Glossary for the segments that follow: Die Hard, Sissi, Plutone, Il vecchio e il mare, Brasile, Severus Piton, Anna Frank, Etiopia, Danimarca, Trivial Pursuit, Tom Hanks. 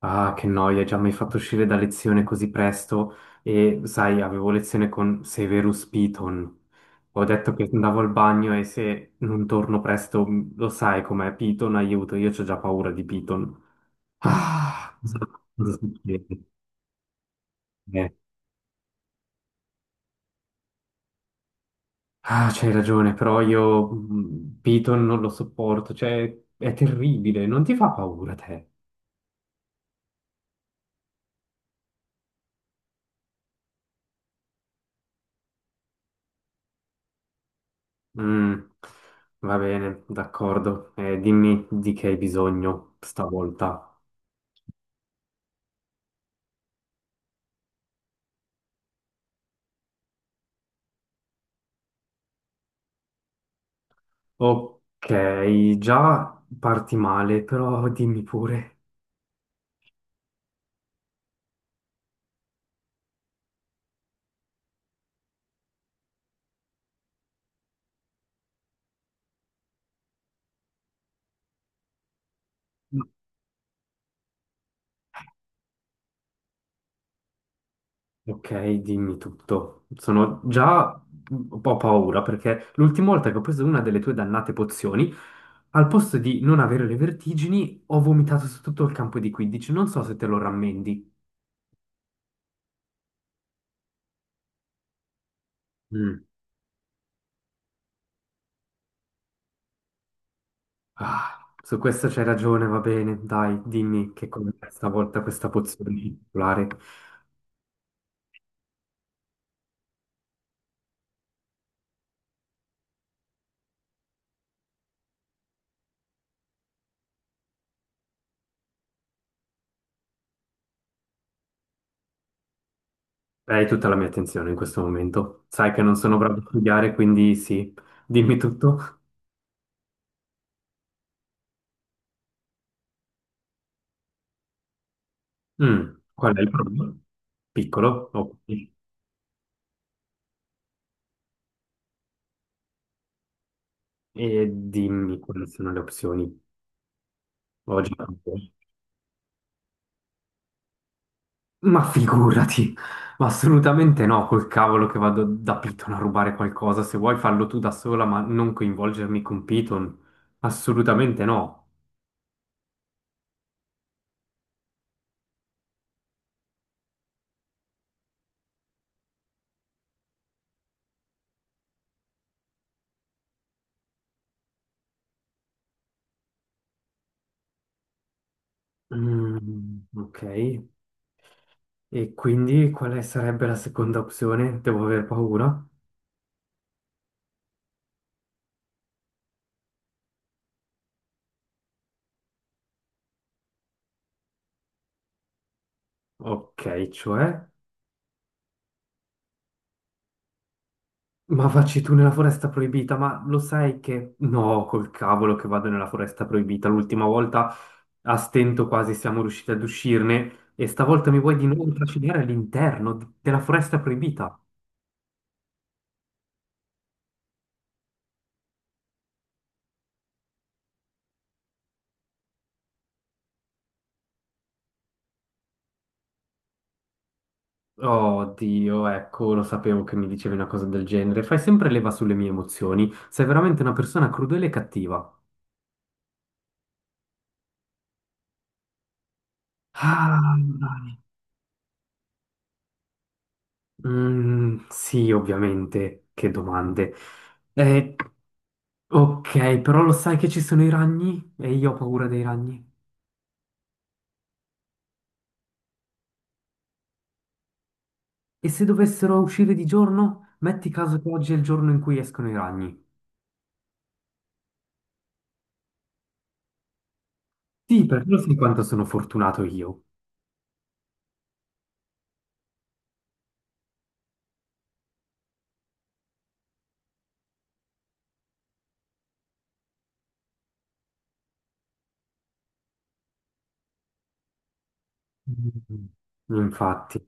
Ah, che noia, già mi hai fatto uscire da lezione così presto e sai, avevo lezione con Severus Piton. Ho detto che andavo al bagno e se non torno presto, lo sai com'è Piton, aiuto, io ho già paura di Piton. Ah, cosa succede? Eh, ah, c'hai ragione, però io Piton non lo sopporto, cioè è terribile, non ti fa paura te? Mm, Va bene, d'accordo, dimmi di che hai bisogno stavolta. Ok, già parti male, però dimmi pure. Ok, dimmi tutto. Sono già un po' paura perché l'ultima volta che ho preso una delle tue dannate pozioni, al posto di non avere le vertigini, ho vomitato su tutto il campo di 15. Non so se te lo rammendi. Mm. Ah, su questo c'hai ragione, va bene. Dai, dimmi che cos'è stavolta questa pozione particolare. Hai tutta la mia attenzione in questo momento. Sai che non sono bravo a studiare, quindi sì, dimmi tutto. Qual è il problema? Piccolo? Ok. E dimmi quali sono le opzioni. Ho già capito. Ma figurati, ma assolutamente no, col cavolo che vado da Python a rubare qualcosa. Se vuoi farlo tu da sola, ma non coinvolgermi con Python. Assolutamente no. Mm, ok, e quindi quale sarebbe la seconda opzione? Devo aver paura? Ok, cioè? Ma vacci tu nella foresta proibita, ma lo sai che. No, col cavolo che vado nella foresta proibita. L'ultima volta a stento quasi siamo riusciti ad uscirne e stavolta mi vuoi di nuovo trascinare all'interno della foresta proibita. Oh Dio, ecco, lo sapevo che mi dicevi una cosa del genere. Fai sempre leva sulle mie emozioni. Sei veramente una persona crudele e cattiva. Ah, dai. Mm, sì, ovviamente. Che domande. Eh, Ok, però lo sai che ci sono i ragni? E io ho paura dei ragni. E se dovessero uscire di giorno? Metti caso che oggi è il giorno in cui escono i ragni. Sì, perché lo sai quanto sono fortunato io. Mm. Infatti.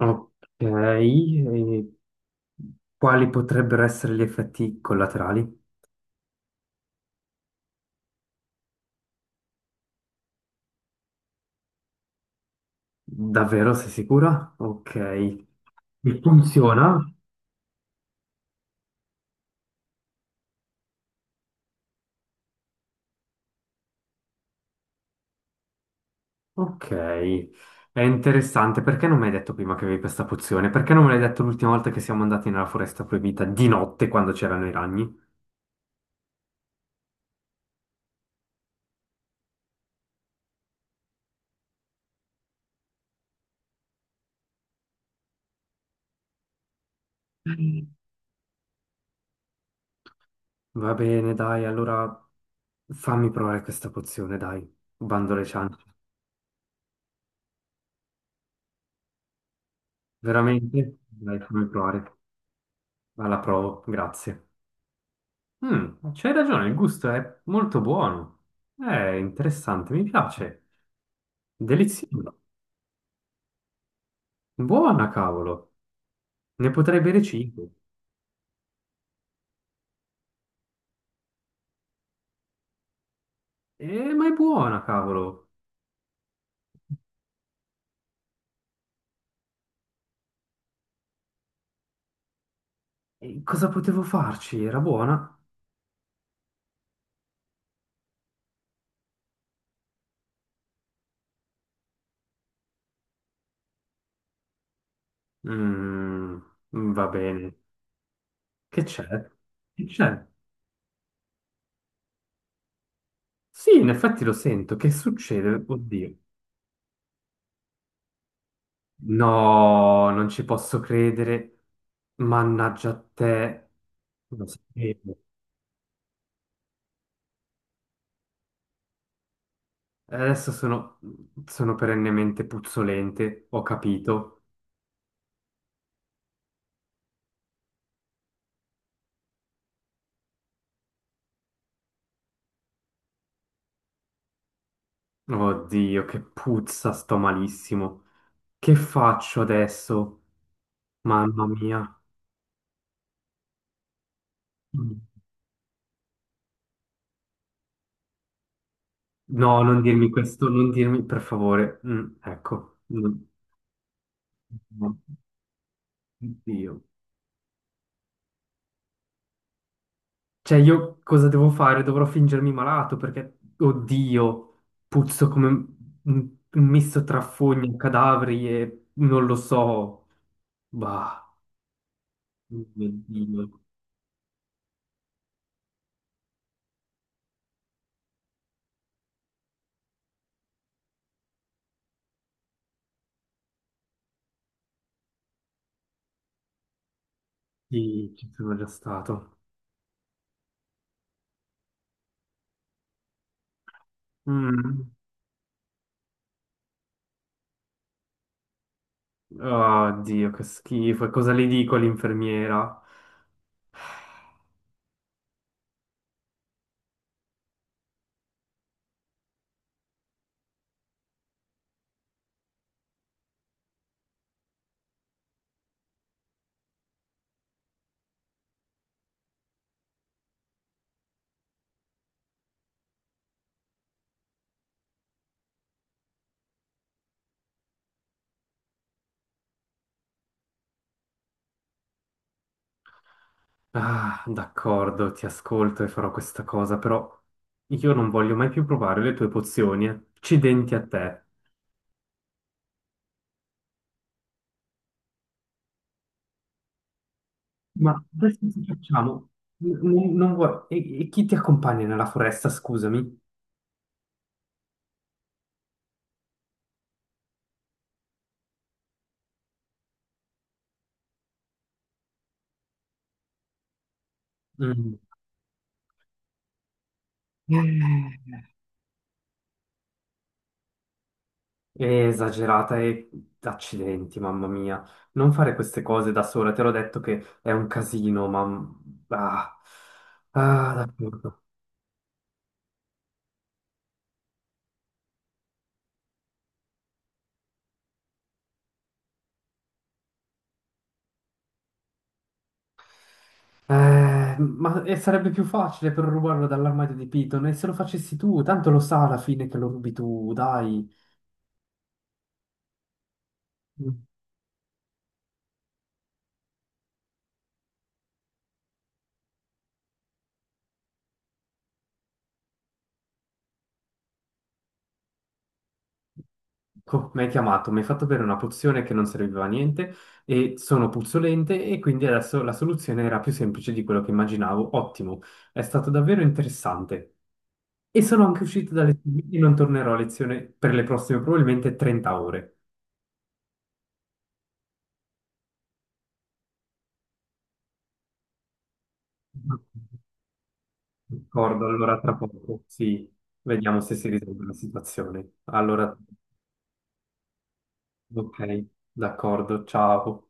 Ok, e quali potrebbero essere gli effetti collaterali? Davvero, sei sicura? Ok. E funziona? Ok, è interessante. Perché non mi hai detto prima che avevi questa pozione? Perché non me l'hai detto l'ultima volta che siamo andati nella foresta proibita di notte quando c'erano i ragni? Va bene, dai, allora fammi provare questa pozione, dai. Bando le ciance. Veramente? Dai, fammi provare. Alla provo, grazie. C'hai ragione, il gusto è molto buono. È interessante, mi piace. Delizioso. Buona, cavolo. Ne potrei bere 5. Ma è buona, cavolo. E cosa potevo farci? Era buona? Mm, Va bene. Che c'è? Che c'è? Sì, in effetti lo sento. Che succede? Oddio. No, non ci posso credere. Mannaggia a te. Lo sapevo. Adesso sono perennemente puzzolente, ho capito. Oddio, che puzza, sto malissimo. Che faccio adesso? Mamma mia. No, non dirmi questo, non dirmi, per favore. Mm, ecco. Mm. No. Oddio. Cioè, io cosa devo fare? Dovrò fingermi malato perché, oddio, puzzo come un misto tra fogne, cadaveri e non lo so. Bah, oddio. Sì, ci sono già stato. Mm. Oddio, che schifo. E cosa le dico all'infermiera? Ah, d'accordo, ti ascolto e farò questa cosa, però io non voglio mai più provare le tue pozioni. Eh. Accidenti a te. Ma adesso cosa facciamo? N- non- non vuoi- E chi ti accompagna nella foresta, scusami? Mm. È esagerata e accidenti, mamma mia. Non fare queste cose da sola, te l'ho detto che è un casino. Ah, ah, d'accordo. Ma e sarebbe più facile per rubarlo dall'armadio di Piton e se lo facessi tu, tanto lo sa alla fine che lo rubi tu, dai. Mm. Mi hai chiamato, mi hai fatto bere una pozione che non serviva a niente e sono puzzolente e quindi adesso la soluzione era più semplice di quello che immaginavo. Ottimo, è stato davvero interessante. E sono anche uscito da lezione e non tornerò a lezione per le prossime probabilmente 30 ore. D'accordo, allora tra poco, sì, vediamo se si risolve la situazione. Allora. Ok, d'accordo, ciao.